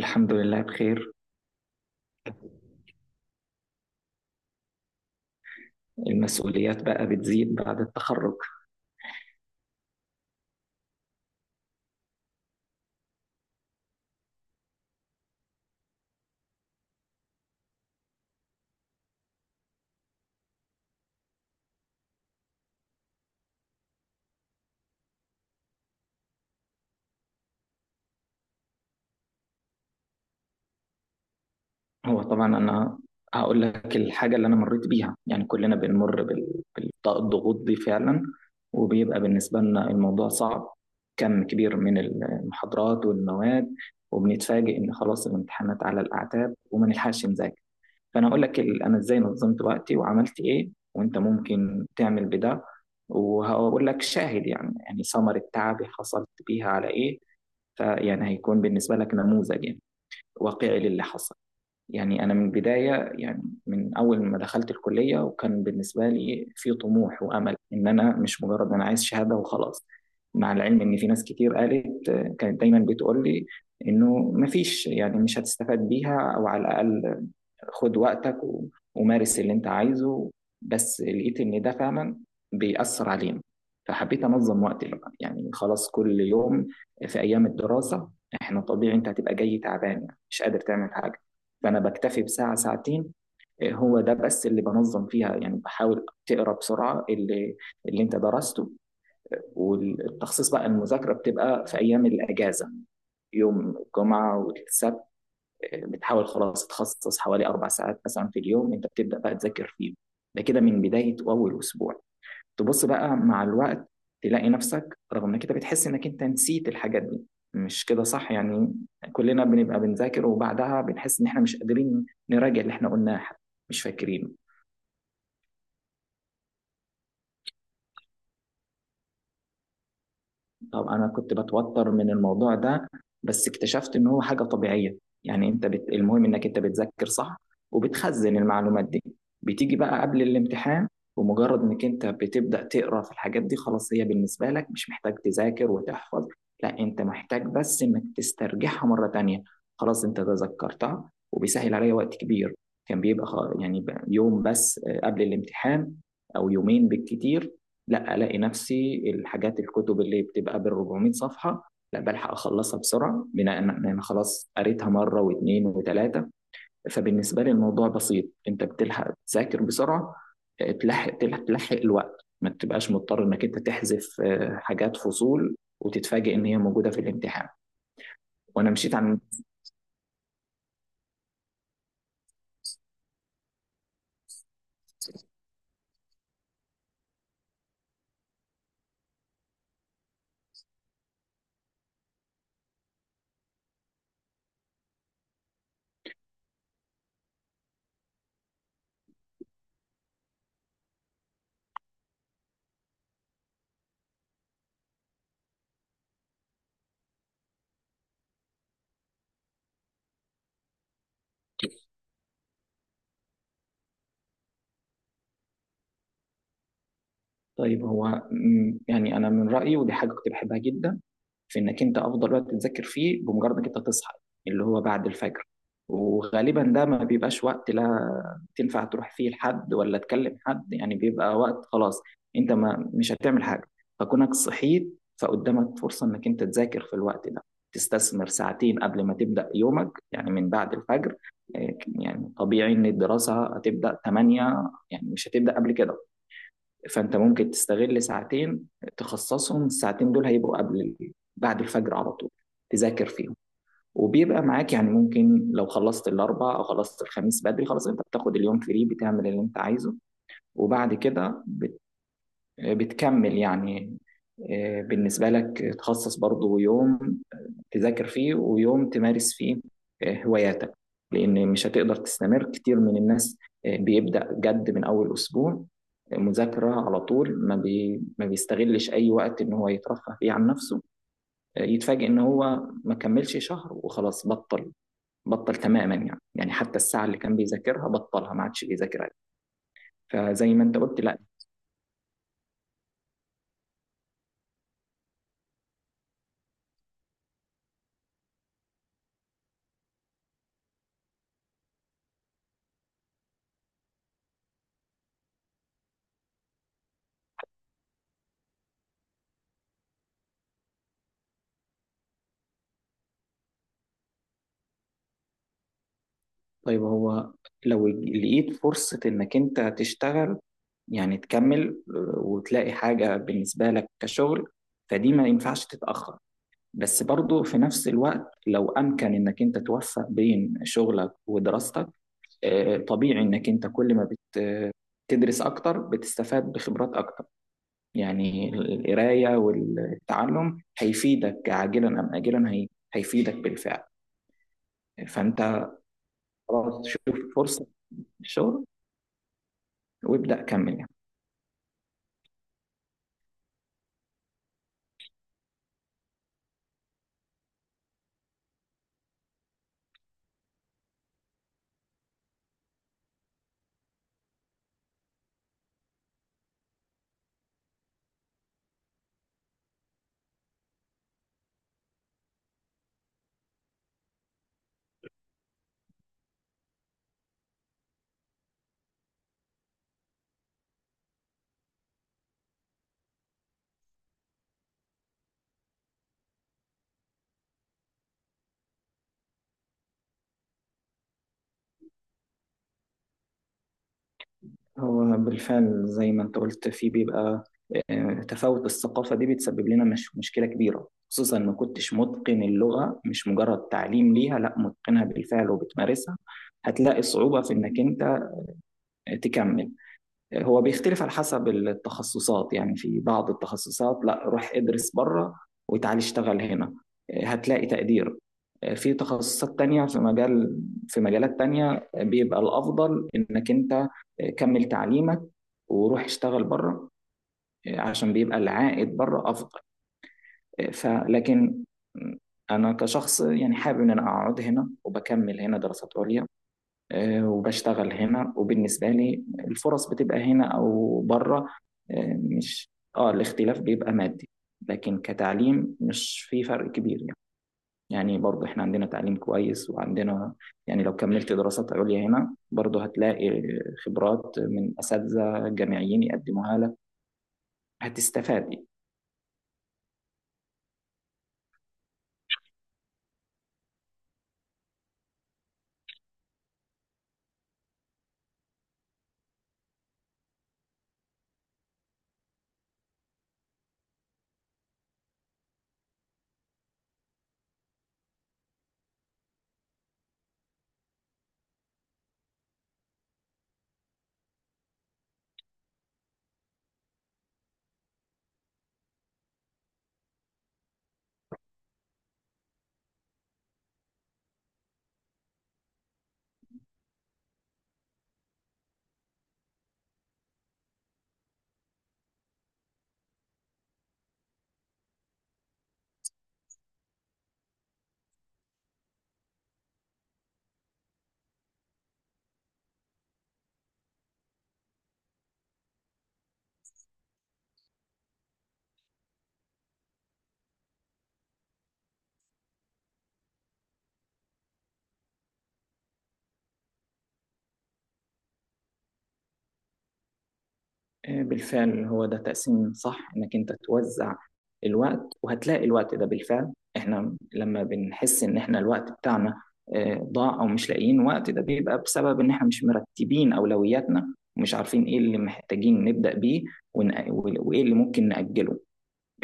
الحمد لله بخير. المسؤوليات بقى بتزيد بعد التخرج. هو طبعا أنا هقول لك الحاجة اللي أنا مريت بيها، يعني كلنا بنمر بالضغوط دي فعلا، وبيبقى بالنسبة لنا الموضوع صعب، كم كبير من المحاضرات والمواد، وبنتفاجئ إن خلاص الامتحانات على الأعتاب وما نلحقش نذاكر. فانا هقول لك انا ازاي نظمت وقتي وعملت ايه وانت ممكن تعمل بده، وهقول لك شاهد، يعني ثمر التعب حصلت بيها على ايه، فيعني هيكون بالنسبة لك نموذج يعني واقعي للي حصل. يعني أنا من البداية، يعني من أول ما دخلت الكلية، وكان بالنسبة لي في طموح وأمل إن أنا مش مجرد أنا عايز شهادة وخلاص. مع العلم إن في ناس كتير قالت، كانت دايما بتقول لي إنه مفيش، يعني مش هتستفاد بيها، أو على الأقل خد وقتك ومارس اللي انت عايزه. بس لقيت ان ده فعلا بيأثر علينا، فحبيت انظم وقتي بقى، يعني خلاص كل يوم في ايام الدراسة احنا طبيعي انت هتبقى جاي تعبان يعني مش قادر تعمل حاجة. فانا بكتفي بساعة ساعتين، إيه، هو ده بس اللي بنظم فيها، يعني بحاول تقرا بسرعة اللي انت درسته. والتخصيص بقى المذاكرة بتبقى في ايام الاجازة، يوم الجمعة والسبت، بتحاول خلاص تخصص حوالي أربع ساعات مثلا في اليوم أنت بتبدأ بقى تذاكر فيهم. ده كده من بداية أول أسبوع. تبص بقى مع الوقت تلاقي نفسك رغم إنك أنت بتحس إنك أنت نسيت الحاجات دي، مش كده صح؟ يعني كلنا بنبقى بنذاكر وبعدها بنحس إن إحنا مش قادرين نراجع اللي إحنا قلناه حتى، مش فاكرين. طب انا كنت بتوتر من الموضوع ده، بس اكتشفت ان هو حاجه طبيعيه. يعني المهم انك انت بتذاكر صح وبتخزن المعلومات دي. بتيجي بقى قبل الامتحان ومجرد انك انت بتبدا تقرا في الحاجات دي خلاص هي بالنسبه لك مش محتاج تذاكر وتحفظ، لا انت محتاج بس انك تسترجعها مره تانية. خلاص انت تذكرتها وبيسهل عليا وقت كبير. كان بيبقى يوم بس، قبل الامتحان او يومين بالكتير. لا الاقي نفسي الحاجات الكتب اللي بتبقى بال 400 صفحه لا بلحق اخلصها بسرعه بناء ان انا خلاص قريتها مره واثنين وثلاثه. فبالنسبه لي الموضوع بسيط، انت بتلحق تذاكر بسرعه، تلحق، تلحق الوقت، ما تبقاش مضطر انك انت تحذف حاجات فصول وتتفاجئ ان هي موجوده في الامتحان. وانا مشيت عن. طيب هو، يعني انا من رايي ودي حاجه كنت بحبها جدا، في انك انت افضل وقت تذاكر فيه بمجرد انك انت تصحى، اللي هو بعد الفجر. وغالبا ده ما بيبقاش وقت لا تنفع تروح فيه لحد ولا تكلم حد، يعني بيبقى وقت خلاص انت ما مش هتعمل حاجه. فكونك صحيت فقدامك فرصه انك انت تذاكر في الوقت ده، تستثمر ساعتين قبل ما تبدا يومك، يعني من بعد الفجر. يعني طبيعي ان الدراسه هتبدا 8، يعني مش هتبدا قبل كده. فانت ممكن تستغل ساعتين، تخصصهم الساعتين دول هيبقوا قبل بعد الفجر على طول، تذاكر فيهم. وبيبقى معاك، يعني ممكن لو خلصت الاربع او خلصت الخميس بدري خلاص انت بتاخد اليوم فري بتعمل اللي انت عايزه، وبعد كده بتكمل يعني. بالنسبة لك تخصص برضو يوم تذاكر فيه ويوم تمارس فيه هواياتك. لأن مش هتقدر تستمر. كتير من الناس بيبدأ جد من أول أسبوع، مذاكرة على طول، ما بيستغلش أي وقت إن هو يترفه فيه عن نفسه. يتفاجئ إن هو ما كملش شهر وخلاص بطل تماما، يعني يعني حتى الساعة اللي كان بيذاكرها بطلها ما عادش بيذاكرها. فزي ما أنت قلت، لا. طيب هو لو لقيت فرصة إنك أنت تشتغل، يعني تكمل، وتلاقي حاجة بالنسبة لك كشغل، فدي ما ينفعش تتأخر. بس برضو في نفس الوقت لو أمكن إنك أنت توفق بين شغلك ودراستك، طبيعي إنك أنت كل ما بت تدرس أكتر بتستفاد بخبرات أكتر. يعني القراية والتعلم هيفيدك عاجلا أم آجلا، هيفيدك بالفعل. فأنت خلاص شوف فرصة الشغل وابدأ كمل يعني. هو بالفعل زي ما انت قلت في بيبقى تفاوت الثقافة، دي بتسبب لنا مش مشكلة كبيرة، خصوصا ما كنتش متقن اللغة، مش مجرد تعليم ليها، لا متقنها بالفعل وبتمارسها. هتلاقي صعوبة في انك انت تكمل. هو بيختلف على حسب التخصصات، يعني في بعض التخصصات لا روح ادرس بره وتعالي اشتغل هنا هتلاقي تقدير. في في مجالات تانية بيبقى الأفضل إنك أنت كمل تعليمك وروح اشتغل بره عشان بيبقى العائد بره أفضل. فلكن أنا كشخص يعني حابب إن أنا أقعد هنا وبكمل هنا دراسات عليا، وبشتغل هنا، وبالنسبة لي الفرص بتبقى هنا أو بره آه، مش آه الاختلاف بيبقى مادي، لكن كتعليم مش في فرق كبير يعني. يعني برضه احنا عندنا تعليم كويس وعندنا، يعني لو كملت دراسات عليا هنا برضه هتلاقي خبرات من أساتذة جامعيين يقدموها لك، هتستفاد. بالفعل هو ده تقسيم صح، انك انت توزع الوقت. وهتلاقي الوقت ده بالفعل، احنا لما بنحس ان احنا الوقت بتاعنا ضاع او مش لاقيين وقت، ده بيبقى بسبب ان احنا مش مرتبين اولوياتنا ومش عارفين ايه اللي محتاجين نبدأ بيه وايه اللي ممكن نأجله.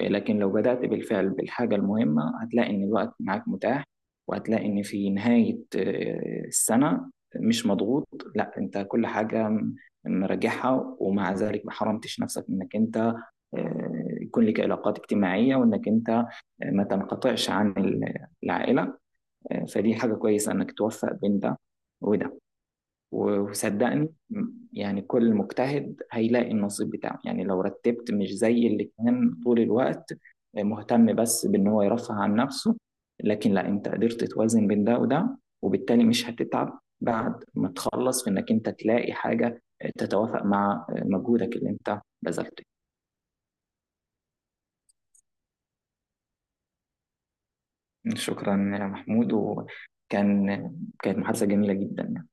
لكن لو بدأت بالفعل بالحاجة المهمة هتلاقي إن الوقت معاك متاح، وهتلاقي إن في نهاية السنة مش مضغوط، لا أنت كل حاجة مراجعها، ومع ذلك ما حرمتش نفسك إنك أنت يكون لك علاقات اجتماعية، وإنك أنت ما تنقطعش عن العائلة. فدي حاجة كويسة إنك توفق بين ده وده. وصدقني يعني كل مجتهد هيلاقي النصيب بتاعه. يعني لو رتبت مش زي اللي كان طول الوقت مهتم بس بان هو يرفه عن نفسه، لكن لا انت قدرت توازن بين ده وده، وبالتالي مش هتتعب بعد ما تخلص في انك انت تلاقي حاجة تتوافق مع مجهودك اللي انت بذلته. شكرا يا محمود، كانت محادثة جميلة جدا.